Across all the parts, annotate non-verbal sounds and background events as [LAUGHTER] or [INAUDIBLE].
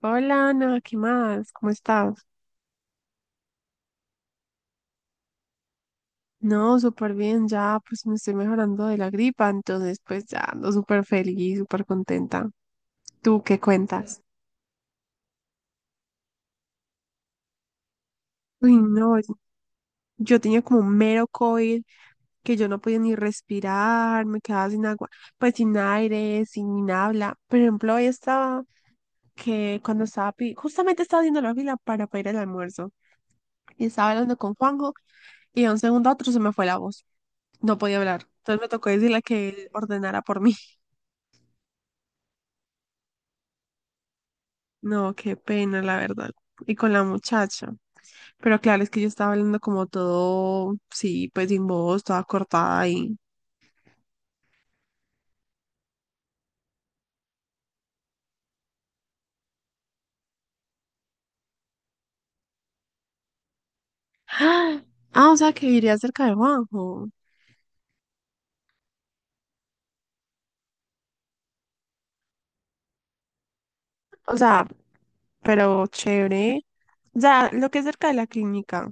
Hola Ana, ¿qué más? ¿Cómo estás? No, súper bien, ya pues me estoy mejorando de la gripa, entonces pues ya ando súper feliz, súper contenta. ¿Tú qué cuentas? Uy, no, yo tenía como un mero COVID que yo no podía ni respirar, me quedaba sin agua, pues sin aire, sin habla. Por ejemplo, hoy estaba que cuando estaba, justamente estaba haciendo la fila para pedir el almuerzo y estaba hablando con Juanjo y de un segundo a otro se me fue la voz. No podía hablar. Entonces me tocó decirle que él ordenara por mí. [LAUGHS] No, qué pena, la verdad. Y con la muchacha. Pero claro, es que yo estaba hablando como todo, sí, pues sin voz, toda cortada y ah, ah, o sea, que iría cerca de Juanjo. O sea, pero chévere. O sea, lo que es cerca de la clínica.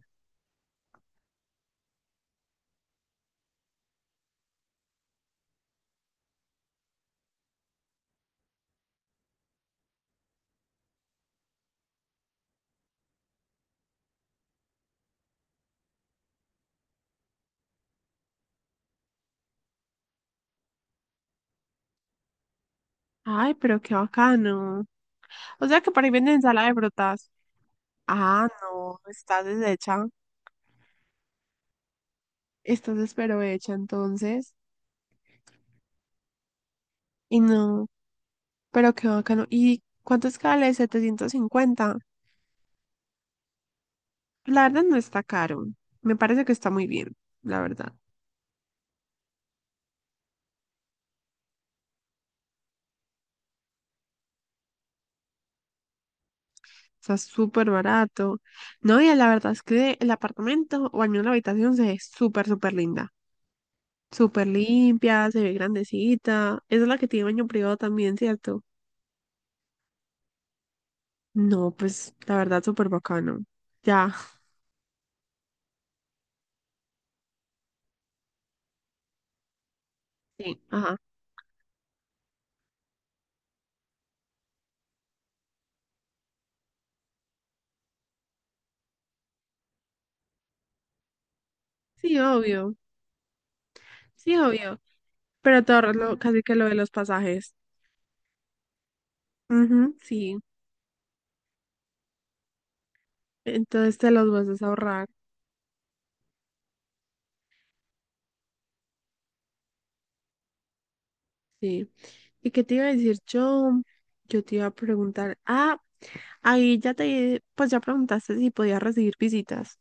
Ay, pero qué bacano. O sea, que para ahí venden ensalada de frutas. Ah, no, estás deshecha. Estás pero hecha entonces. Y no, pero qué bacano. ¿Y cuánto es cada 750? La verdad no está caro. Me parece que está muy bien, la verdad. Está súper barato. No, y la verdad es que el apartamento, o al menos la habitación, se ve súper, súper linda. Súper limpia, se ve grandecita. Esa es la que tiene baño privado también, ¿cierto? No, pues la verdad, súper bacano. Ya. Sí, ajá. Sí, obvio. Sí, obvio. Pero te ahorras casi que lo de los pasajes. Ujú, sí. Entonces te los vas a ahorrar. Sí. ¿Y qué te iba a decir yo? Yo te iba a preguntar. Ah, ahí ya te, pues ya preguntaste si podías recibir visitas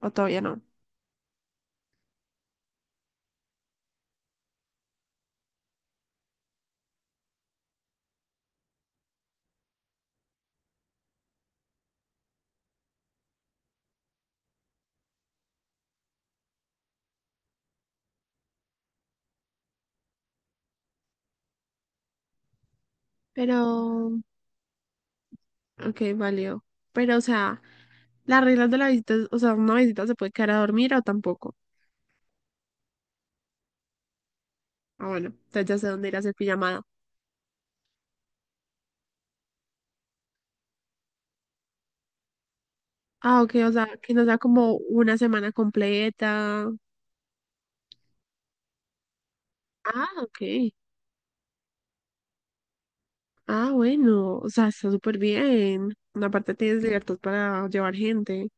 o todavía no. Pero, ok, valió. Pero, o sea, las reglas de la visita, o sea, una visita se puede quedar a dormir o tampoco. Ah, bueno, entonces ya sé dónde ir a hacer pijamada. Ah, ok, o sea, que nos da como una semana completa. Ah, ok. Ah, bueno, o sea, está súper bien. Aparte tienes libertad para llevar gente.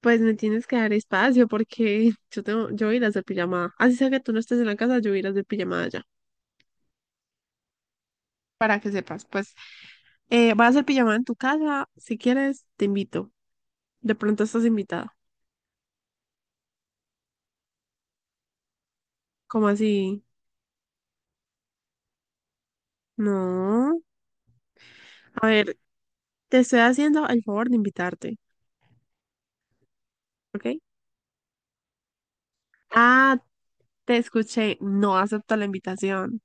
Pues me tienes que dar espacio porque [LAUGHS] yo tengo, yo voy a ir a hacer pijamada. Así sea que tú no estés en la casa, yo voy a ir a hacer pijamada allá. Para que sepas, pues voy a hacer pijamada en tu casa. Si quieres, te invito. De pronto estás invitada. ¿Cómo así? No. A ver, te estoy haciendo el favor de invitarte, ¿ok? Ah, te escuché. No acepto la invitación.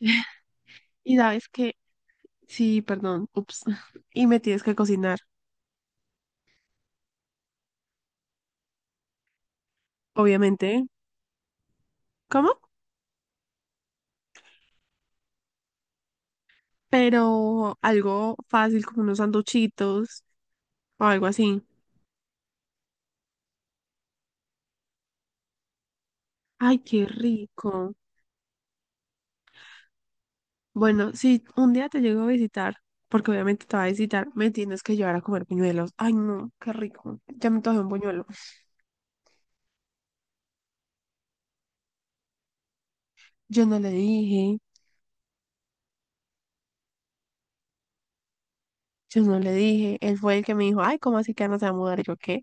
[LAUGHS] Y sabes que, sí, perdón, ups. [LAUGHS] Y me tienes que cocinar, obviamente. ¿Cómo? Pero algo fácil como unos sanduchitos o algo así. Ay, qué rico. Bueno, si un día te llego a visitar, porque obviamente te va a visitar, me tienes que llevar a comer buñuelos. Ay, no, qué rico. Ya me antojé un buñuelo. Yo no le dije, yo no le dije. Él fue el que me dijo, ay, ¿cómo así que ya no se va a mudar? Y yo, ¿qué?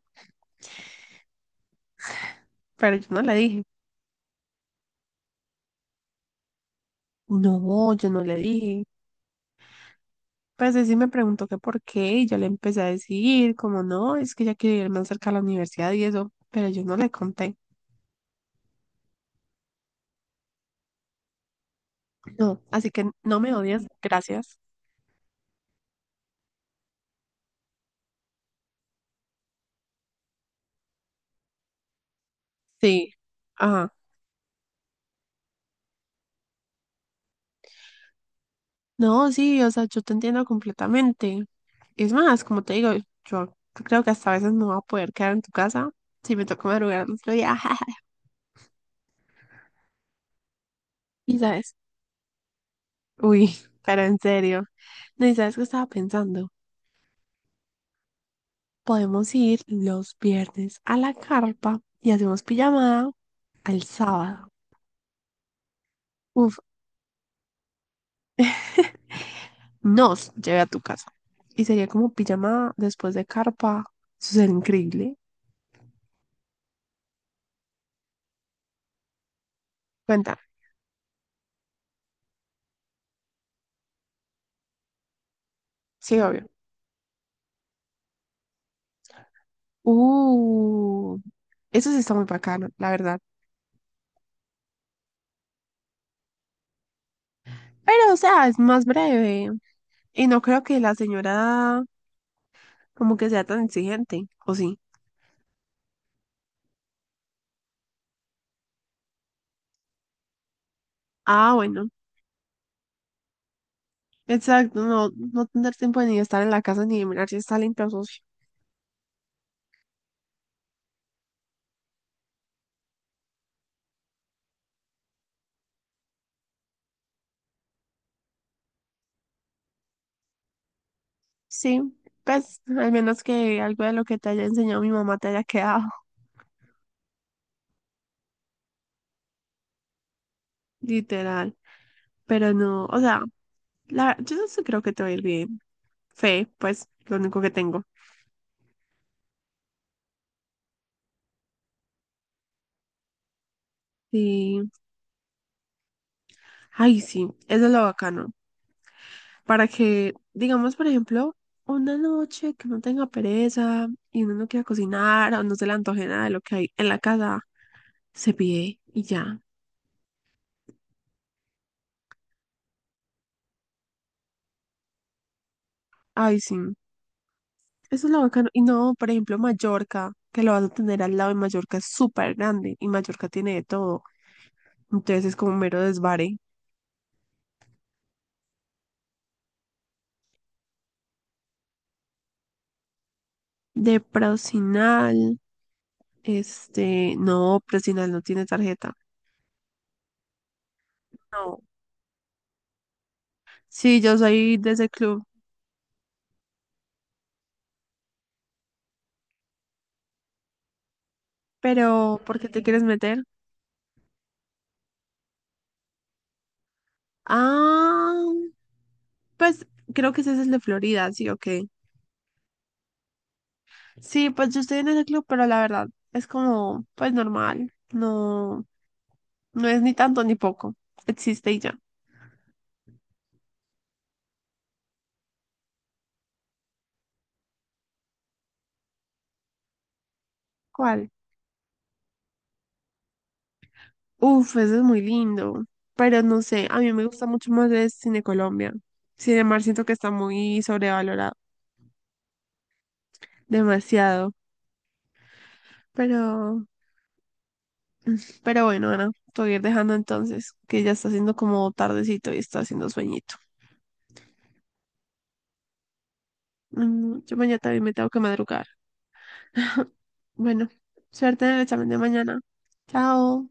Pero yo no le dije. No, yo no le dije. Pues él sí me preguntó que por qué, y yo le empecé a decir, como no, es que ya quiere ir más cerca a la universidad y eso, pero yo no le conté. No, así que no me odias, gracias. Sí, ajá. No, sí, o sea, yo te entiendo completamente. Es más, como te digo, yo creo que hasta a veces no voy a poder quedar en tu casa si me toca madrugar el otro día. [LAUGHS] Y sabes, uy, pero en serio. No, y sabes qué estaba pensando. Podemos ir los viernes a la carpa y hacemos pijamada al sábado. Uf, nos llevé a tu casa. Y sería como pijamada después de carpa. Eso sería increíble. Cuenta. Sí, obvio. Uh, eso sí está muy bacano, la verdad. Pero, o sea, es más breve. Y no creo que la señora como que sea tan exigente, ¿o sí? Ah, bueno. Exacto, no, no tener tiempo de ni estar en la casa ni de mirar si está limpio socio. Sí, pues, al menos que algo de lo que te haya enseñado mi mamá te haya quedado. [LAUGHS] Literal. Pero no, o sea, yo no sé, creo que te va a ir bien. Fe, pues, lo único que tengo. Sí. Ay, sí, eso es lo bacano. Para que, digamos, por ejemplo, una noche que no tenga pereza y uno no quiera cocinar o no se le antoje nada de lo que hay en la casa, se pide y ya. Ay, sí, eso es lo bacano. Y no, por ejemplo, Mallorca, que lo vas a tener al lado y Mallorca es súper grande y Mallorca tiene de todo. Entonces es como un mero desvare. De Procinal, no, Procinal no tiene tarjeta. No. Sí, yo soy de ese club, pero ¿por qué te quieres meter? Ah, pues creo que ese es el de Florida, sí, ok. Sí, pues yo estoy en ese club, pero la verdad es como, pues normal. No, no es ni tanto ni poco. Existe y ya. ¿Cuál? Uf, ese es muy lindo. Pero no sé, a mí me gusta mucho más el Cine Colombia. Cinemar siento que está muy sobrevalorado. Demasiado. Pero, pero bueno, Ana, te voy a ir dejando entonces, que ya está haciendo como tardecito y está haciendo sueñito. Mm, yo mañana también me tengo que madrugar. [LAUGHS] Bueno, suerte en el examen de mañana. Chao.